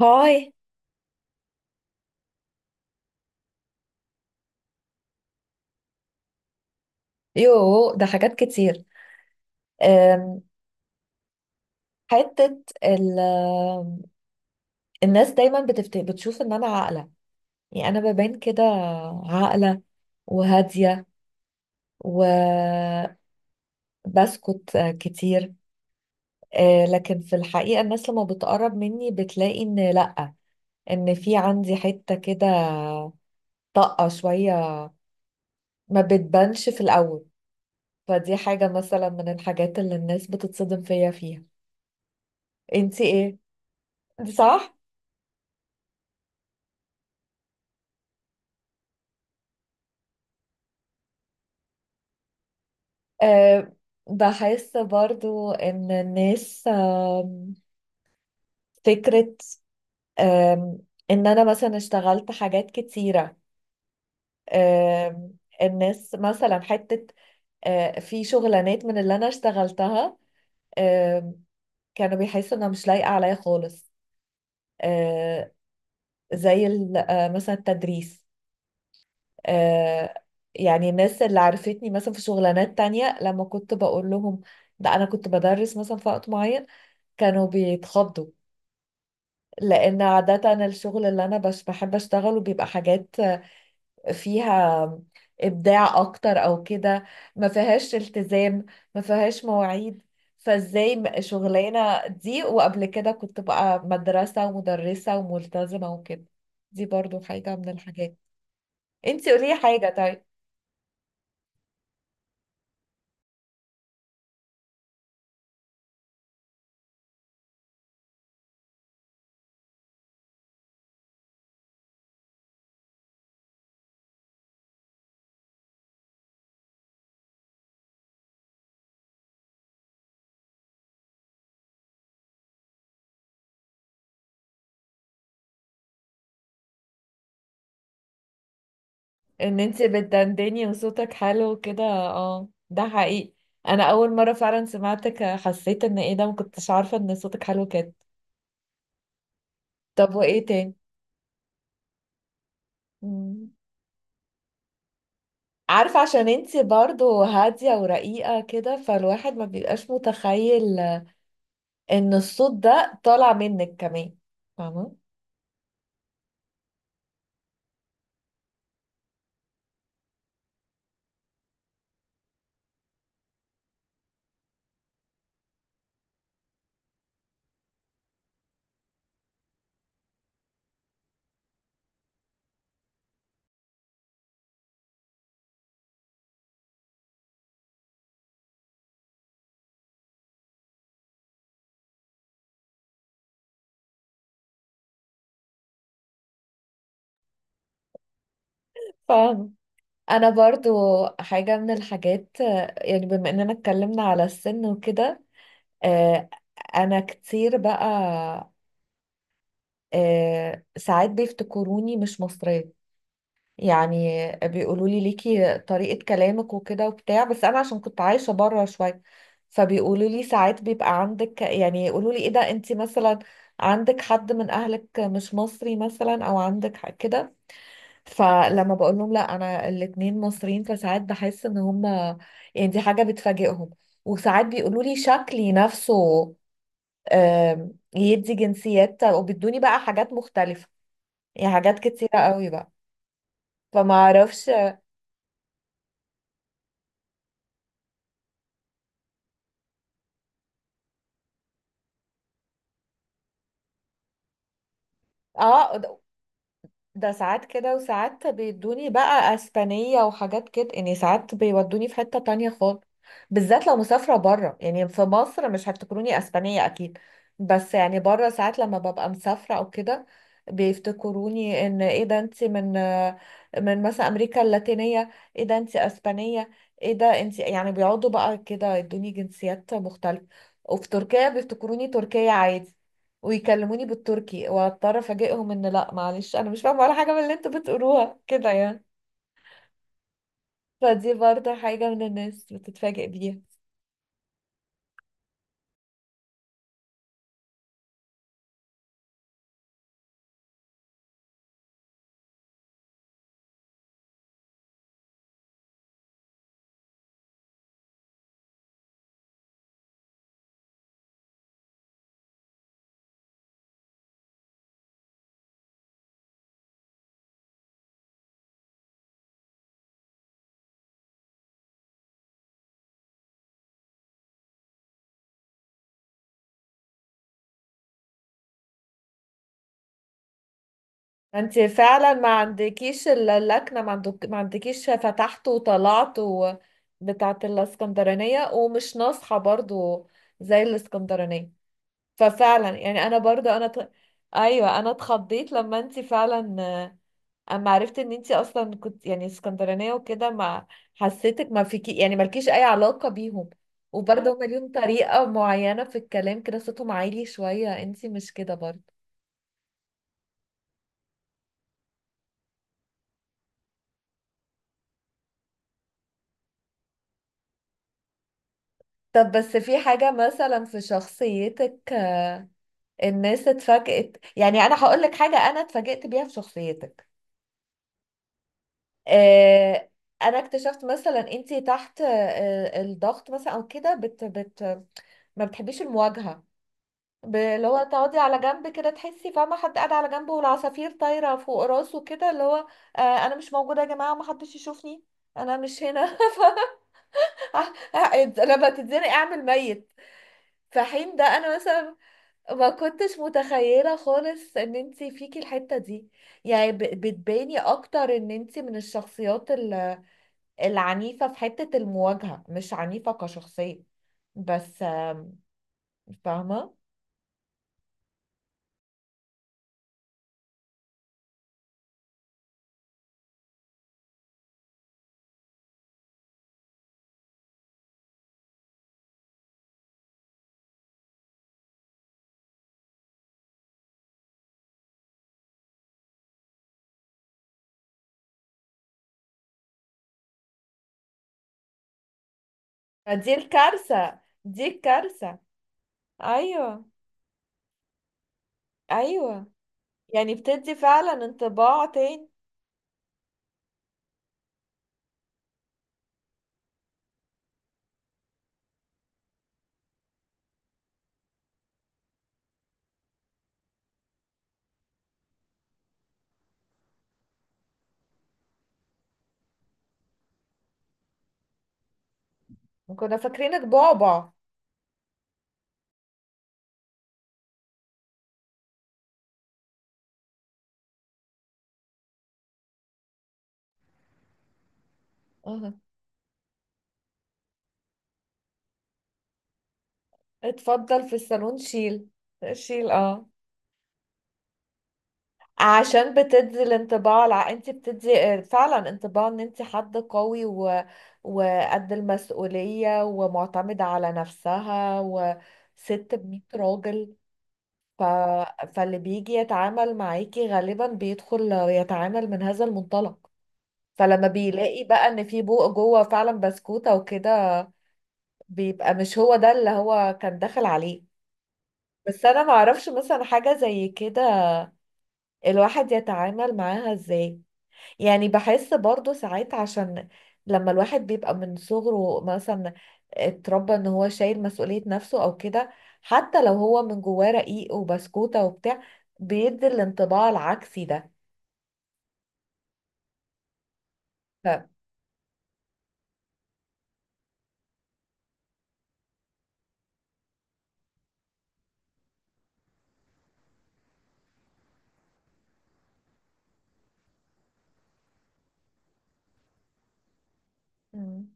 هاي يو، ده حاجات كتير. أم، حتة ال- الناس دايما بتفت... بتشوف ان انا عاقلة. يعني انا ببان كده عاقلة وهادية وبسكت كتير. أه، لكن في الحقيقة الناس لما بتقرب مني بتلاقي ان لأ، ان في عندي حتة كده، طاقة شوية ما بتبانش في الأول. فدي حاجة مثلا من الحاجات اللي الناس بتتصدم فيها. انتي ايه؟ صح؟ أه، بحس برضو ان الناس فكرة، آم، ان انا مثلا اشتغلت حاجات كتيرة. آم، الناس مثلا حتة آه، في شغلانات من اللي انا اشتغلتها، آم، كانوا بيحسوا انها مش لايقة عليا خالص. آه، زي ال- آه، مثلا التدريس. آه، يعني الناس اللي عرفتني مثلا في شغلانات تانية لما كنت بقول لهم ده انا كنت بدرس مثلا في وقت معين، كانوا بيتخضوا، لان عادة الشغل اللي انا بش- بحب اشتغله بيبقى حاجات فيها ابداع اكتر او كده، ما فيهاش التزام، ما فيهاش مواعيد. فازاي م- شغلانة دي وقبل كده كنت بقى مدرسة ومدرسة وملتزمة وكده. دي برضو حاجة من الحاجات. انتي قولي حاجة طيب. ان انتي بتدندني وصوتك حلو وكده، اه ده حقيقي. انا اول مرة فعلا سمعتك حسيت ان ايه ده، ما كنتش عارفة ان صوتك حلو كده. طب وايه تاني؟ مم. عارفة، عشان انتي برضو هادية ورقيقة كده فالواحد ما بيبقاش متخيل ان الصوت ده طالع منك كمان، فاهمة؟ فاهمة. انا برضو حاجة من الحاجات آه، يعني بما اننا اتكلمنا على السن وكده، آه، انا كتير بقى آه، ساعات بيفتكروني مش مصرية. يعني بيقولوا لي ليكي طريقة كلامك وكده وبتاع، بس انا عشان كنت عايشة بره شوية، فبيقولوا لي ساعات بيبقى عندك، يعني يقولوا لي ايه ده انت مثلا عندك حد من اهلك مش مصري مثلا، او عندك ح- كده. فلما بقول لهم لا انا الاتنين مصريين، فساعات بحس ان هم، يعني دي حاجة بتفاجئهم. وساعات بيقولوا لي شكلي نفسه يدي جنسيات، وبيدوني بقى حاجات مختلفة، يعني حاجات كتيرة قوي بقى، فما اعرفش. اه، ده ساعات كده وساعات بيدوني بقى اسبانية وحاجات كده، يعني ساعات بيودوني في حتة تانية خالص. بالذات لو مسافرة بره، يعني في مصر مش هيفتكروني اسبانية اكيد، بس يعني بره ساعات لما ببقى مسافرة او كده، بيفتكروني ان ايه ده انت من، من مثلا امريكا اللاتينية، ايه ده انت اسبانية، ايه ده انت، يعني بيقعدوا بقى كده يدوني جنسيات مختلفة. وفي تركيا بيفتكروني تركية عادي ويكلموني بالتركي، واضطر افاجئهم ان لا معلش انا مش فاهمه ولا حاجه من اللي انتوا بتقولوها كده يعني. فدي برضه حاجه من الناس بتتفاجئ بيها. انت فعلا ما عندكيش ال- اللكنه، ما عندك ما عندكيش فتحت وطلعت و... بتاعه الاسكندرانيه، ومش ناصحه برضه زي الاسكندرانيه. ففعلا يعني انا برضه انا ت... ايوه انا اتخضيت لما انت فعلا اما عرفت ان انتي اصلا كنت يعني اسكندرانيه وكده، ما حسيتك، ما فيكي يعني مالكيش اي علاقه بيهم. وبرضه هما ليهم طريقه معينه في الكلام كده، صوتهم عالي شويه، انتي مش كده برضه. طب بس في حاجه مثلا في شخصيتك آه، الناس اتفاجئت، يعني انا هقول لك حاجه انا اتفاجئت بيها في شخصيتك. آه، انا اكتشفت مثلا انتي تحت آه، الضغط مثلا او كده بت ما بتحبيش المواجهه. ب- اللي هو تقعدي على جنب كده، تحسي فاهمة حد قاعد على جنبه والعصافير طايرة فوق راسه، كده اللي هو آه أنا مش موجودة يا جماعة، محدش يشوفني، أنا مش هنا ف- لما تتزنق أعمل ميت. في حين ده أنا مثلا ما كنتش متخيلة خالص إن انتي فيكي الحتة دي. يعني ب- بتباني أكتر إن انتي من الشخصيات ال- العنيفة، في حتة المواجهة، مش عنيفة كشخصية بس فاهمة. فدي الكارثة، دي الكارثة، ايوه، ايوه، يعني بتدي فعلا انطباع تاني. كنا فاكرينك بعبع. اه. اتفضل في الصالون، شيل، شيل، اه. عشان بتدي الانطباع الع... انت بتدي اه، فعلا انطباع ان انت حد قوي و... وقد المسؤولية ومعتمدة على نفسها وست ب100 راجل. ف... فاللي بيجي يتعامل معاكي غالبا بيدخل يتعامل من هذا المنطلق. فلما بيلاقي بقى ان في بوق جوه فعلا بسكوتة وكده، بيبقى مش هو ده اللي هو كان داخل عليه. بس انا معرفش مثلا حاجة زي كده الواحد يتعامل معاها ازاي. يعني بحس برضو ساعات عشان لما الواحد بيبقى من صغره مثلا اتربى ان هو شايل مسؤولية نفسه او كده، حتى لو هو من جواه رقيق وبسكوتة وبتاع، بيدي الانطباع العكسي ده. ف... مم.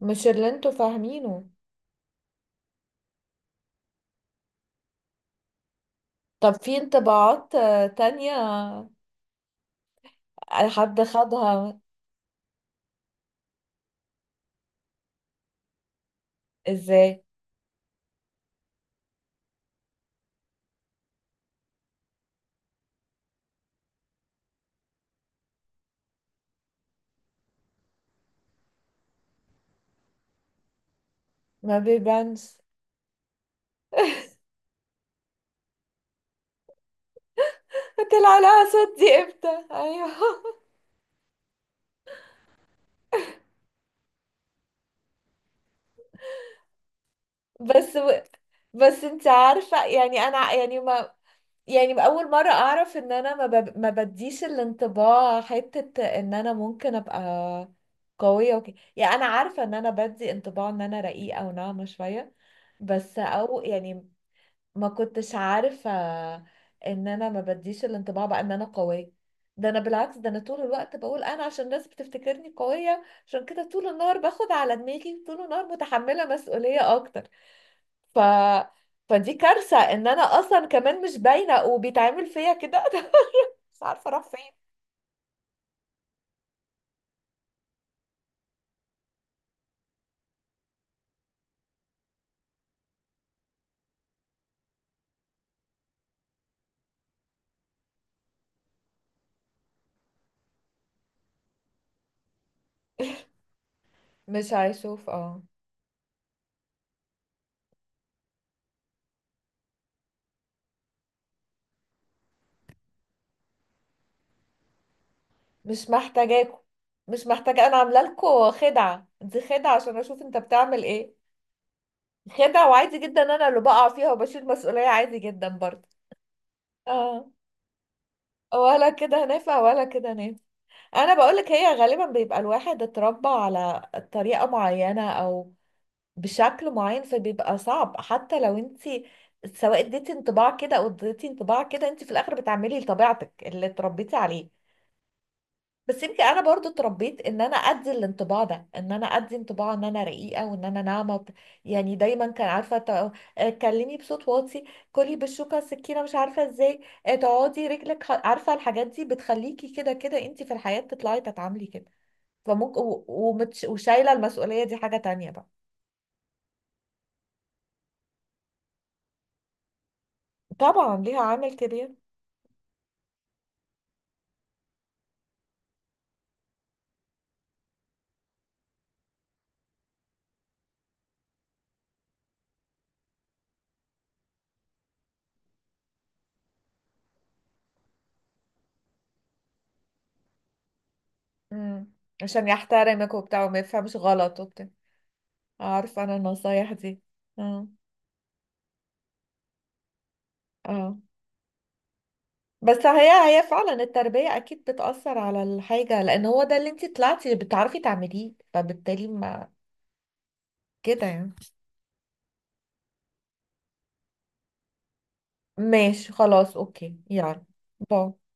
مش اللي انتوا فاهمينه. طب في انطباعات آه، تانية حد خدها؟ ازاي ما بيبانش، طلع لها صوت دي امتى، ايوه بس. بس انت عارفة يعني انا يعني ما، يعني اول مرة اعرف ان انا ما, ب... ما بديش الانطباع حتة ان انا ممكن ابقى قوية وكده. يعني انا عارفة ان انا بدي انطباع ان انا رقيقة وناعمة شوية بس، او يعني ما كنتش عارفة ان انا ما بديش الانطباع بقى ان انا قوية. ده انا بالعكس، ده انا طول الوقت بقول انا عشان الناس بتفتكرني قوية عشان كده طول النهار باخد على دماغي، طول النهار متحملة مسؤولية اكتر. ف فدي كارثة ان انا اصلا كمان مش باينة وبيتعمل فيا كده مش عارفة اروح فين. مش هيشوف اه. مش محتاجاكوا، مش محتاجة، انا عاملة لكم خدعة، دي خدعة عشان اشوف انت بتعمل ايه. خدعة وعادي جدا انا اللي بقع فيها وبشيل مسؤولية عادي جدا برضه. اه، ولا كده نافع ولا كده نافع. انا بقولك هي غالبا بيبقى الواحد اتربى على طريقة معينة او بشكل معين، فبيبقى صعب حتى لو انت سواء اديتي انطباع كده او اديتي انطباع كده، انت في الاخر بتعملي لطبيعتك اللي اتربيتي عليه. بس يمكن انا برضو اتربيت ان انا ادي الانطباع ده، ان انا ادي انطباع ان انا رقيقه وان انا ناعمه وبت- يعني دايما كان عارفه ت- آه، كلمي بصوت واطي، كلي بالشوكه السكينه، مش عارفه ازاي، آه، تقعدي رجلك ح- عارفه الحاجات دي بتخليكي كده. كده انت في الحياه تطلعي تتعاملي كده. فممكن و- ومتش... وشايله المسؤوليه دي حاجه تانية بقى. طبعا ليها عامل كبير. امم. عشان يحترمك وبتاع وما يفهمش غلط وبتاع. عارفه انا النصايح دي. اه اه. بس هي هي فعلا التربية أكيد بتأثر على الحاجة لأن هو ده اللي انتي طلعتي بتعرفي تعمليه، فبالتالي ما كده يعني. ماشي خلاص، أوكي، يلا، باي.